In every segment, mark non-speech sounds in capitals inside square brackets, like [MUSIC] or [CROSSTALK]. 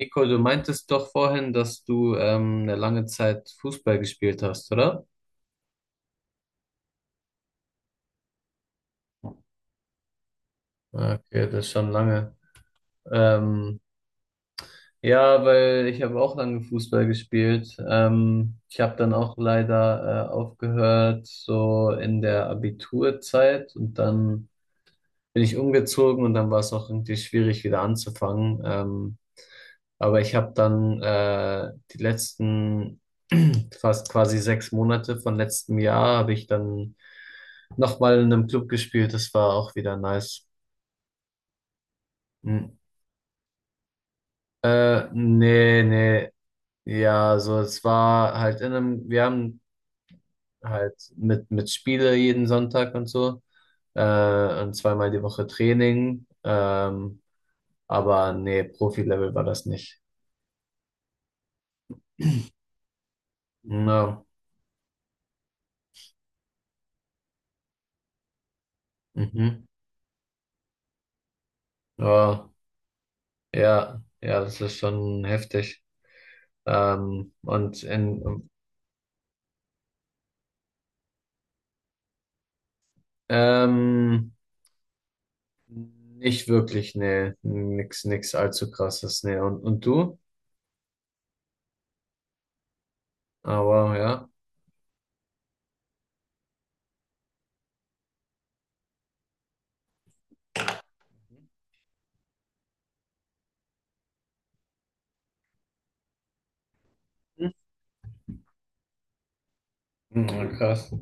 Nico, du meintest doch vorhin, dass du eine lange Zeit Fußball gespielt hast, oder? Okay, das ist schon lange. Ähm, ja, weil ich habe auch lange Fußball gespielt. Ich habe dann auch leider aufgehört, so in der Abiturzeit, und dann bin ich umgezogen und dann war es auch irgendwie schwierig, wieder anzufangen. Aber ich habe dann die letzten [CLEARS THROAT] fast quasi 6 Monate von letztem Jahr habe ich dann nochmal in einem Club gespielt. Das war auch wieder nice. Hm. Nee, nee. Ja, so es war halt in einem, wir haben halt mit Spiele jeden Sonntag und so. Und 2x die Woche Training. Aber nee, Profi-Level war das nicht. Na, mhm. Ja. Ja, ja, das ist schon heftig. Ähm, und in, ähm, nicht wirklich, nee, nix, nix allzu krasses, nee. Und du? Aber ja. Mhm, krass.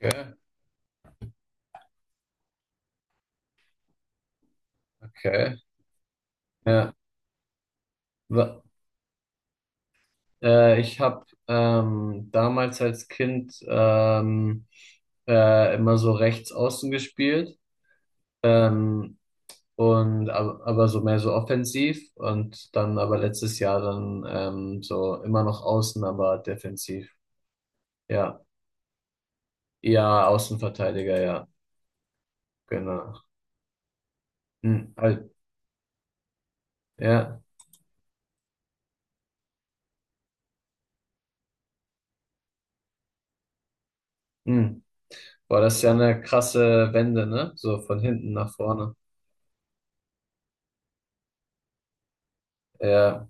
Okay, okay. Ja. Wa- ich habe damals als Kind immer so rechts außen gespielt. Ähm, Und aber so mehr so offensiv, und dann aber letztes Jahr dann so immer noch außen, aber defensiv. Ja. Ja, Außenverteidiger, ja. Genau. Hm, halt, ja. Hm. Boah, das ist ja eine krasse Wende, ne? So von hinten nach vorne. Ja,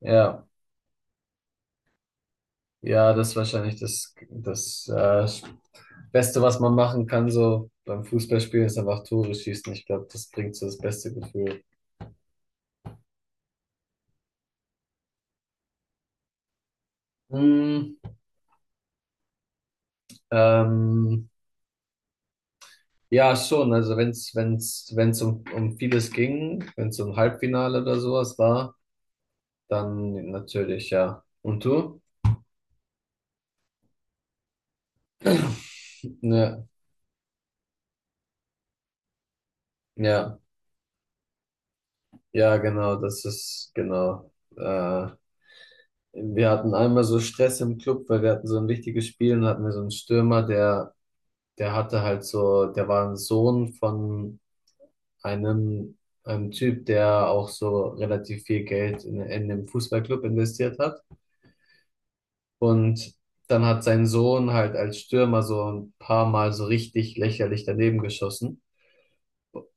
ja. Ja, das ist wahrscheinlich das Beste, was man machen kann, so beim Fußballspielen, ist einfach Tore schießen. Ich glaube, das bringt so das beste Gefühl. Hm, ähm, Ja, schon. Also wenn's um vieles ging, wenn's um Halbfinale oder sowas war, dann natürlich, ja. Und du? Ja, ja, ja, genau. Äh, wir hatten einmal so Stress im Club, weil wir hatten so ein wichtiges Spiel, und hatten wir so einen Stürmer, der, der hatte halt so, der war ein Sohn von einem, einem Typ, der auch so relativ viel Geld in dem Fußballclub investiert hat. Und dann hat sein Sohn halt als Stürmer so ein paar Mal so richtig lächerlich daneben geschossen.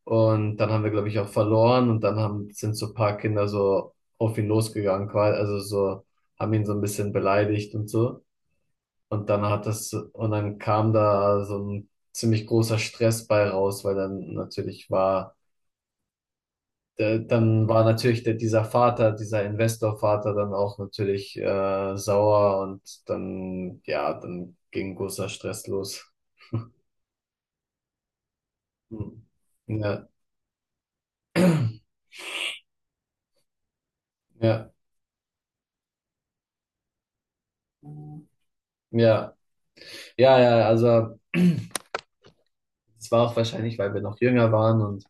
Und dann haben wir, glaube ich, auch verloren. Und dann haben, sind so ein paar Kinder so auf ihn losgegangen, quasi, also so, haben ihn so ein bisschen beleidigt und so. Und dann hat das, und dann kam da so ein ziemlich großer Stress bei raus, weil dann natürlich war, dann war natürlich der, dieser Vater, dieser Investorvater dann auch natürlich sauer, und dann, ja, dann ging großer Stress los. Hm. Ja, ja, ja, ja, ja, also es war auch wahrscheinlich, weil wir noch jünger waren,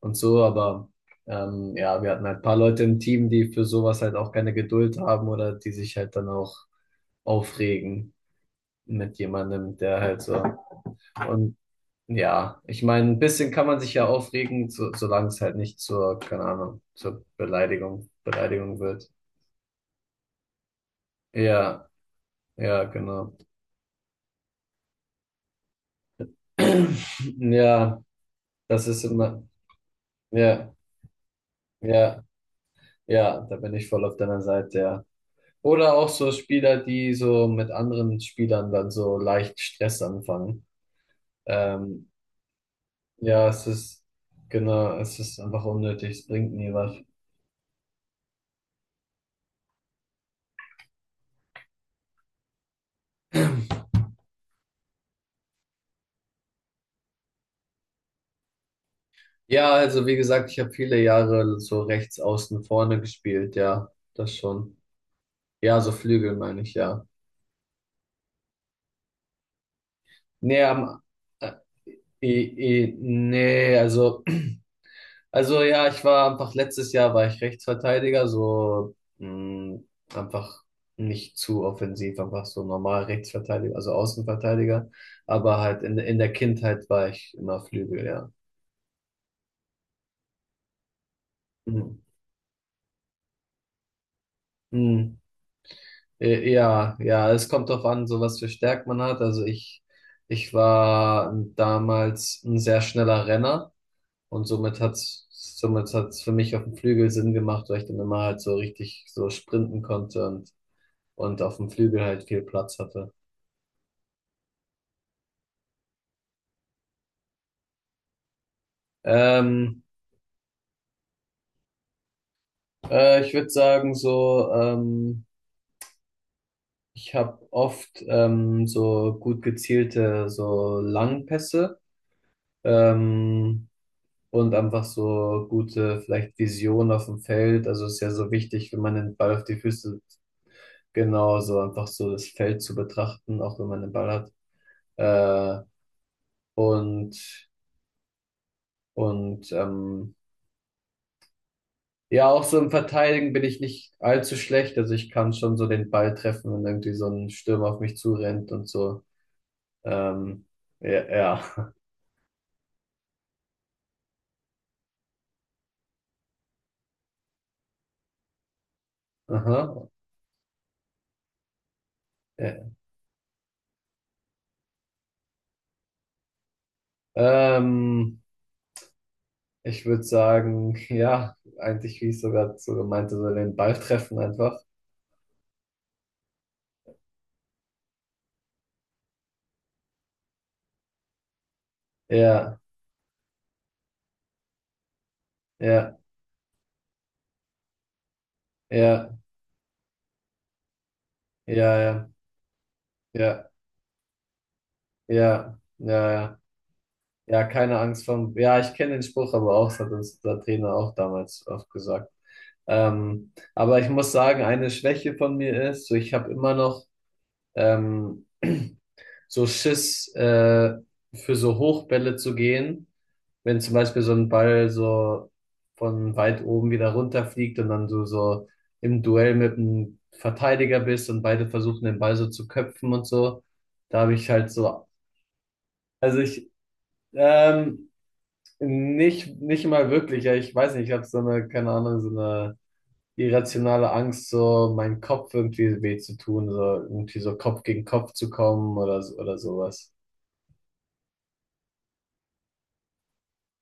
und so, aber ja, wir hatten halt ein paar Leute im Team, die für sowas halt auch keine Geduld haben oder die sich halt dann auch aufregen mit jemandem, der halt so. Und ja, ich meine, ein bisschen kann man sich ja aufregen, so, solange es halt nicht zur, keine Ahnung, zur Beleidigung wird. Ja, ja, genau. [CLEARS THROAT] Ja, das ist immer, ja, ja, ja, da bin ich voll auf deiner Seite, ja. Oder auch so Spieler, die so mit anderen Spielern dann so leicht Stress anfangen. Ähm, ja, es ist, genau, es ist einfach unnötig, es bringt nie was. Ja, also wie gesagt, ich habe viele Jahre so rechts außen vorne gespielt, ja, das schon. Ja, so Flügel meine ich, ja. Nee, am, äh, eh, nee, also, [CLEARS THROAT] also ja, ich war einfach letztes Jahr war ich Rechtsverteidiger, so mh, einfach nicht zu offensiv, einfach so normal Rechtsverteidiger, also Außenverteidiger, aber halt in der Kindheit war ich immer Flügel, ja. Mhm. Ja, ja, es kommt drauf an, so was für Stärken man hat. Also ich war damals ein sehr schneller Renner, und somit hat's für mich auf dem Flügel Sinn gemacht, weil ich dann immer halt so richtig so sprinten konnte, und auf dem Flügel halt viel Platz hatte. Ähm, Ich würde sagen, so, ich habe oft so gut gezielte, so Langpässe. Ähm, und einfach so gute, vielleicht Vision auf dem Feld. Also ist ja so wichtig, wenn man den Ball auf die Füße, genau, so einfach so das Feld zu betrachten, auch wenn man den Ball hat. Äh, und und ähm, ja, auch so im Verteidigen bin ich nicht allzu schlecht. Also ich kann schon so den Ball treffen, wenn irgendwie so ein Stürmer auf mich zurennt und so. Ähm, ja, ja. [LAUGHS] Aha. Ja. Ähm, Ich würde sagen, ja, eigentlich, wie ich sogar so gemeint, habe, so den Ball treffen einfach. Ja, ja, ja, ja, ja, ja, ja, ja, ja, ja, keine Angst vor. Ja, ich kenne den Spruch, aber auch, das hat uns der Trainer auch damals oft gesagt. Aber ich muss sagen, eine Schwäche von mir ist, so ich habe immer noch ähm, [CLEARS THROAT] so Schiss, für so Hochbälle zu gehen, wenn zum Beispiel so ein Ball so von weit oben wieder runterfliegt und dann du so im Duell mit einem Verteidiger bist und beide versuchen den Ball so zu köpfen und so, da habe ich halt so, also ich, ähm, nicht mal wirklich, ja, ich weiß nicht, ich habe so eine, keine Ahnung, so eine irrationale Angst, so meinen Kopf irgendwie weh zu tun, so irgendwie so Kopf gegen Kopf zu kommen oder, so- oder sowas.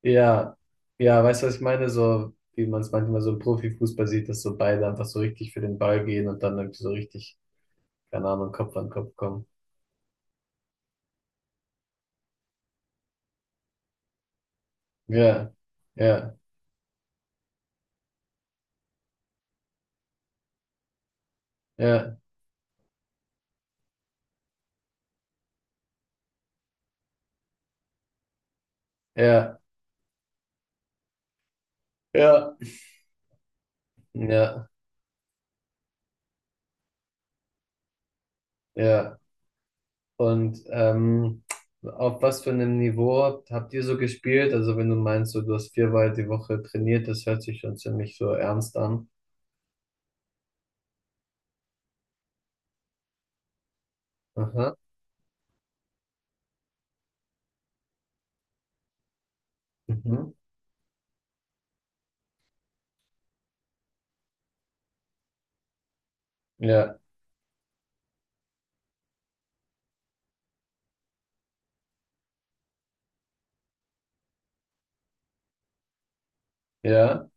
Ja, ja, weißt du, was ich meine? So, wie man es manchmal so im Profifußball sieht, dass so beide einfach so richtig für den Ball gehen und dann irgendwie so richtig, keine Ahnung, Kopf an Kopf kommen. Ja, ja, ja, ja, ja, ja, ja. Und ähm, auf was für einem Niveau habt ihr so gespielt? Also, wenn du meinst, so, du hast 4x die Woche trainiert, das hört sich schon ziemlich so ernst an. Aha. Mhm. Ja, ja,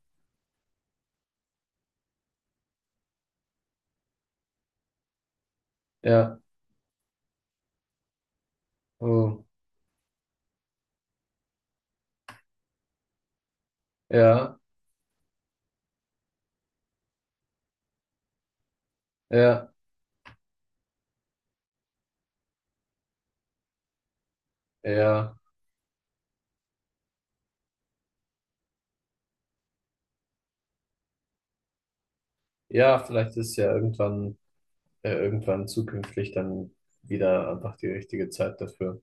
ja. Oh, ja, ja, ja. Ja, vielleicht ist ja irgendwann, irgendwann zukünftig dann wieder einfach die richtige Zeit dafür.